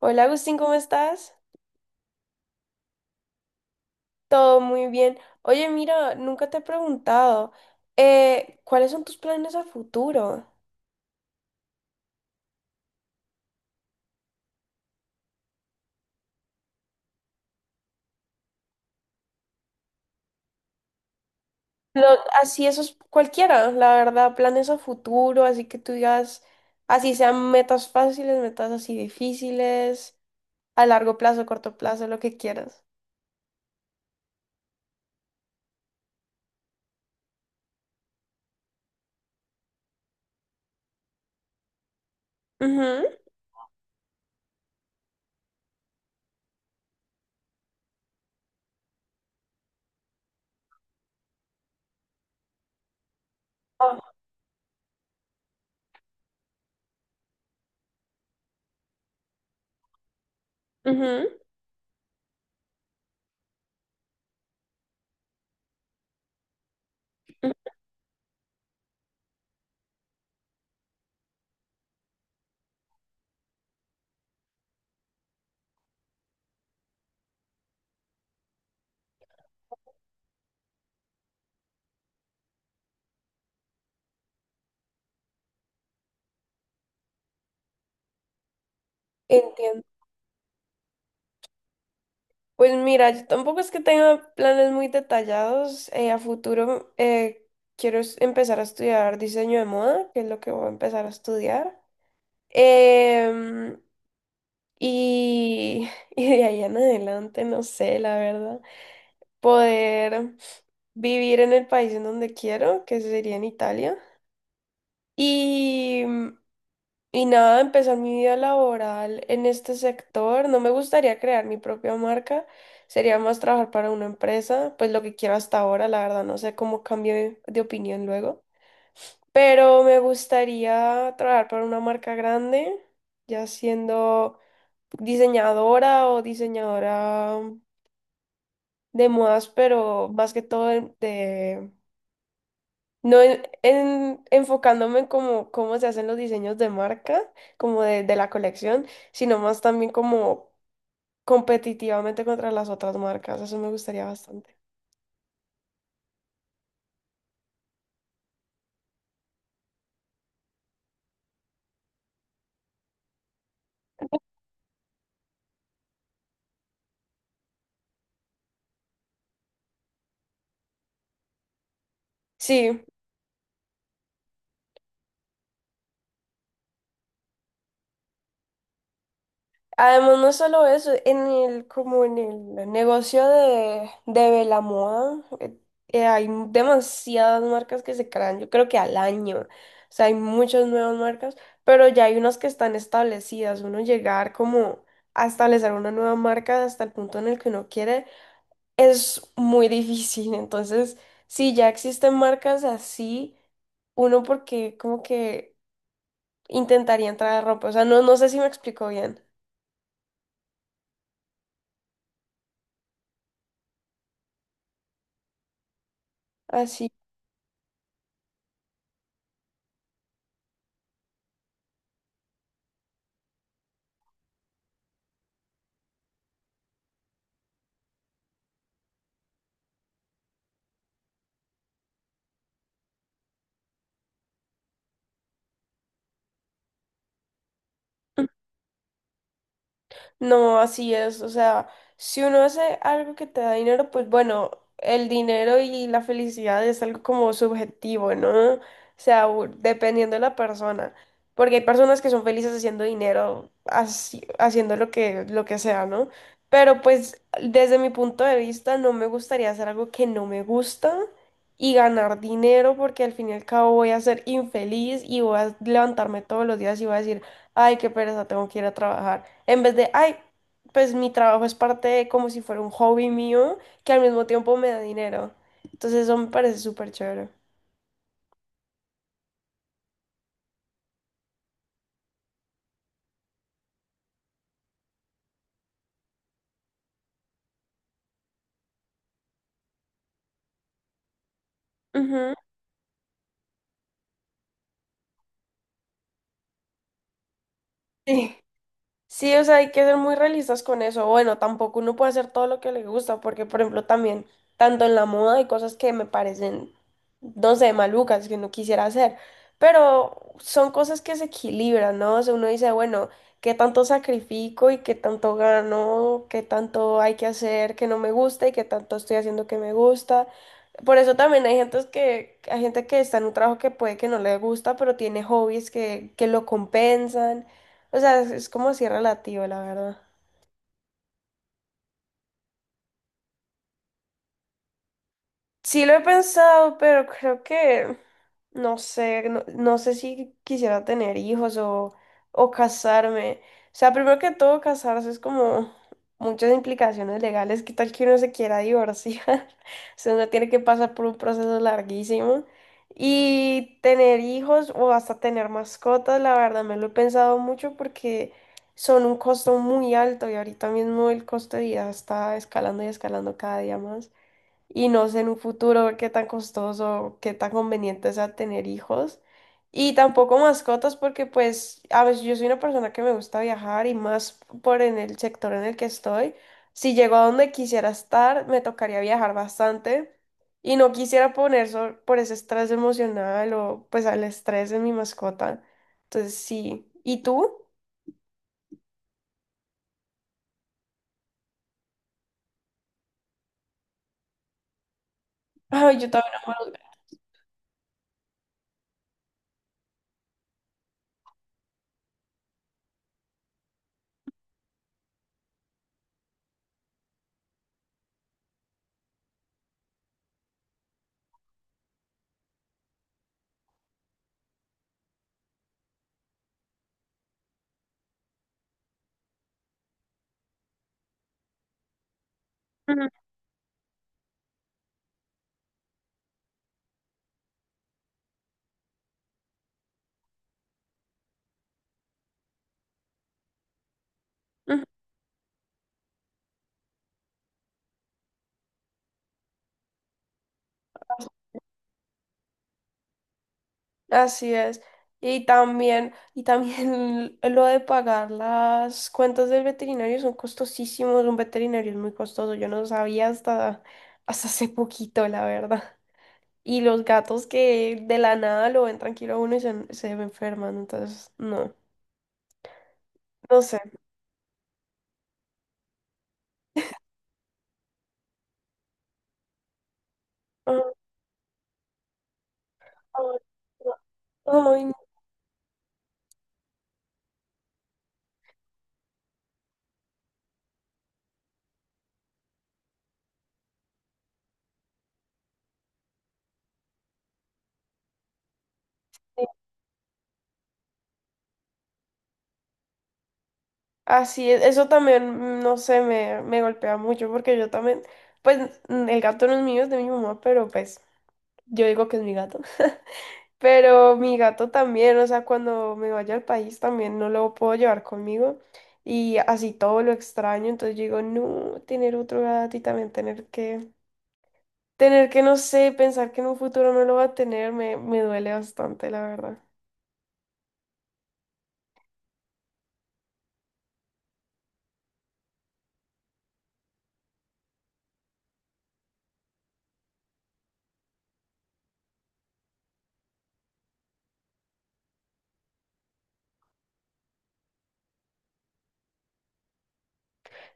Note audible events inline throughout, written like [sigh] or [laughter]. Hola Agustín, ¿cómo estás? Todo muy bien. Oye, mira, nunca te he preguntado, ¿cuáles son tus planes a futuro? Lo- Así esos, cualquiera, la verdad, planes a futuro, así que tú digas, así sean metas fáciles, metas así difíciles, a largo plazo, corto plazo, lo que quieras. Ujú. Ah, ujú, ujú. Entiendo. Pues mira, yo tampoco es que tenga planes muy detallados. A futuro, quiero empezar a estudiar diseño de moda, que es lo que voy a empezar a estudiar. Em, y, [laughs] y de ahí en adelante, no sé, la verdad, poder vivir en el país en donde quiero, que sería en Italia. Y Y nada, empezar mi vida laboral en este sector. No me gustaría crear mi propia marca, sería más trabajar para una empresa, pues lo que quiero hasta ahora, la verdad, no sé cómo cambie de opinión luego. Pero me gustaría trabajar para una marca grande, ya siendo diseñadora o diseñadora de modas, pero más que todo de. No en, enfocándome en cómo, cómo se hacen los diseños de marca, como de la colección, sino más también como competitivamente contra las otras marcas. Eso me gustaría bastante. Sí. Además, no es solo eso, en el, como en el negocio de la moda, hay demasiadas marcas que se crean, yo creo que al año, o sea, hay muchas nuevas marcas, pero ya hay unas que están establecidas, uno llegar como a establecer una nueva marca hasta el punto en el que uno quiere es muy difícil, entonces, si ya existen marcas así, uno porque como que intentaría entrar a ropa, o sea, no, no sé si me explico bien, así. No, así es. O sea, si uno hace algo que te da dinero, pues bueno, el dinero y la felicidad es algo como subjetivo, ¿no? O sea, dependiendo de la persona. Porque hay personas que son felices haciendo dinero, haciendo lo que sea, ¿no? Pero pues desde mi punto de vista no me gustaría hacer algo que no me gusta y ganar dinero porque al fin y al cabo voy a ser infeliz y voy a levantarme todos los días y voy a decir, ay, qué pereza, tengo que ir a trabajar. En vez de, ay, pues mi trabajo es parte de como si fuera un hobby mío que al mismo tiempo me da dinero. Entonces eso me parece súper chévere. Ujú. Sí. Sí, o sea, hay que ser muy realistas con eso. Bueno, tampoco uno puede hacer todo lo que le gusta, porque, por ejemplo, también, tanto en la moda hay cosas que me parecen, no sé, malucas, que no quisiera hacer, pero son cosas que se equilibran, ¿no? O sea, uno dice, bueno, ¿qué tanto sacrifico y qué tanto gano? ¿Qué tanto hay que hacer que no me gusta y qué tanto estoy haciendo que me gusta? Por eso también hay gente que está en un trabajo que puede que no le gusta, pero tiene hobbies que lo compensan. O sea, es como si relativo, la verdad. Sí lo he pensado, pero creo que no sé, no, no sé si quisiera tener hijos o casarme. O sea, primero que todo, casarse es como muchas implicaciones legales. ¿Qué tal que uno se quiera divorciar? [laughs] O sea, uno tiene que pasar por un proceso larguísimo. Y tener hijos o hasta tener mascotas, la verdad, me lo he pensado mucho porque son un costo muy alto y ahorita mismo el costo de vida está escalando y escalando cada día más y no sé en un futuro ver qué tan costoso, qué tan conveniente sea tener hijos. Y tampoco mascotas porque pues a veces yo soy una persona que me gusta viajar y más por en el sector en el que estoy. Si llego a donde quisiera estar, me tocaría viajar bastante y no quisiera poner por ese estrés emocional o pues al estrés de mi mascota. Entonces sí. ¿Y tú? [laughs] Ay, yo también. Así es. Y también [laughs] lo de pagar las cuentas del veterinario son costosísimos. Un veterinario es muy costoso. Yo no sabía hasta, hasta hace poquito, la verdad. Y los gatos que de la nada lo ven tranquilo a uno y se enferman. Entonces, no, no sé. Ah, ah, no, ay, no. Así es, eso también, mm, no sé, me golpea mucho porque yo también, pues mm, el gato no es mío, es de mi mamá, pero pues yo digo que es mi gato. Pero mi gato también, o sea, cuando me vaya al país también no lo puedo llevar conmigo y así todo lo extraño, entonces yo digo, no, tener otro gato y también tener que, no sé, pensar que en un futuro no lo va a tener, me duele bastante, la verdad.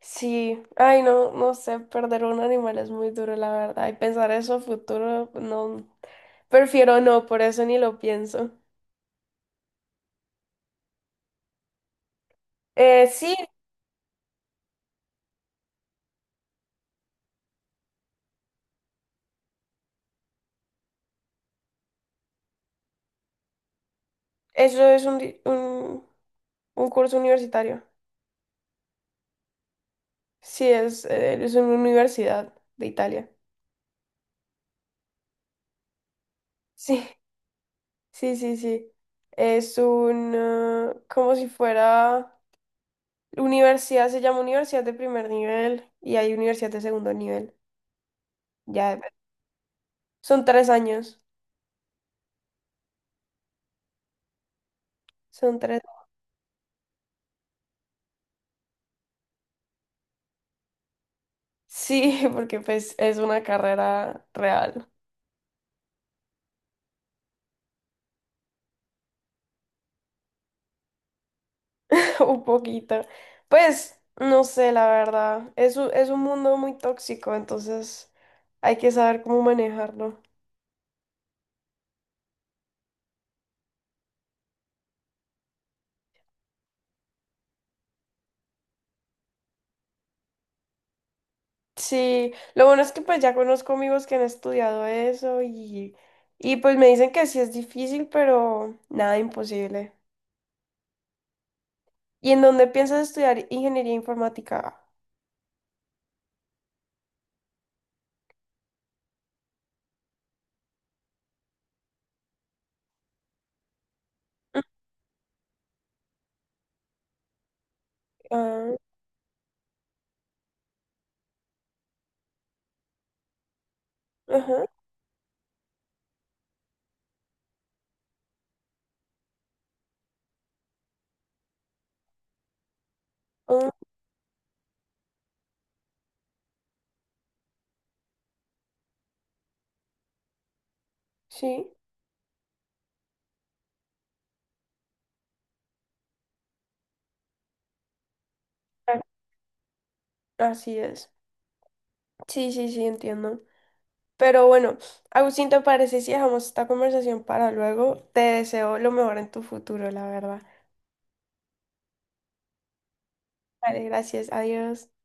Sí, ay, no, no sé, perder un animal es muy duro, la verdad, y pensar eso a futuro, no, prefiero no, por eso ni lo pienso. Sí, eso es un, un curso universitario. Sí, es una universidad de Italia. Sí, sí, sí, sí. Es un, como si fuera, universidad, se llama universidad de primer nivel y hay universidad de segundo nivel. Ya, son 3 años, son tres. Sí, [laughs] porque pues es una carrera real, [laughs] un poquito. Pues, no sé, la verdad, es un mundo muy tóxico, entonces hay que saber cómo manejarlo. Sí, lo bueno es que pues ya conozco amigos que han estudiado eso y pues me dicen que sí es difícil, pero nada imposible. ¿Y en dónde piensas estudiar ingeniería informática? Ah, ajá, ah, sí, ah, así es. Sí, sí, sí, entiendo. Pero bueno, Agustín, ¿te parece si dejamos esta conversación para luego? Te deseo lo mejor en tu futuro, la verdad. Vale, gracias, adiós.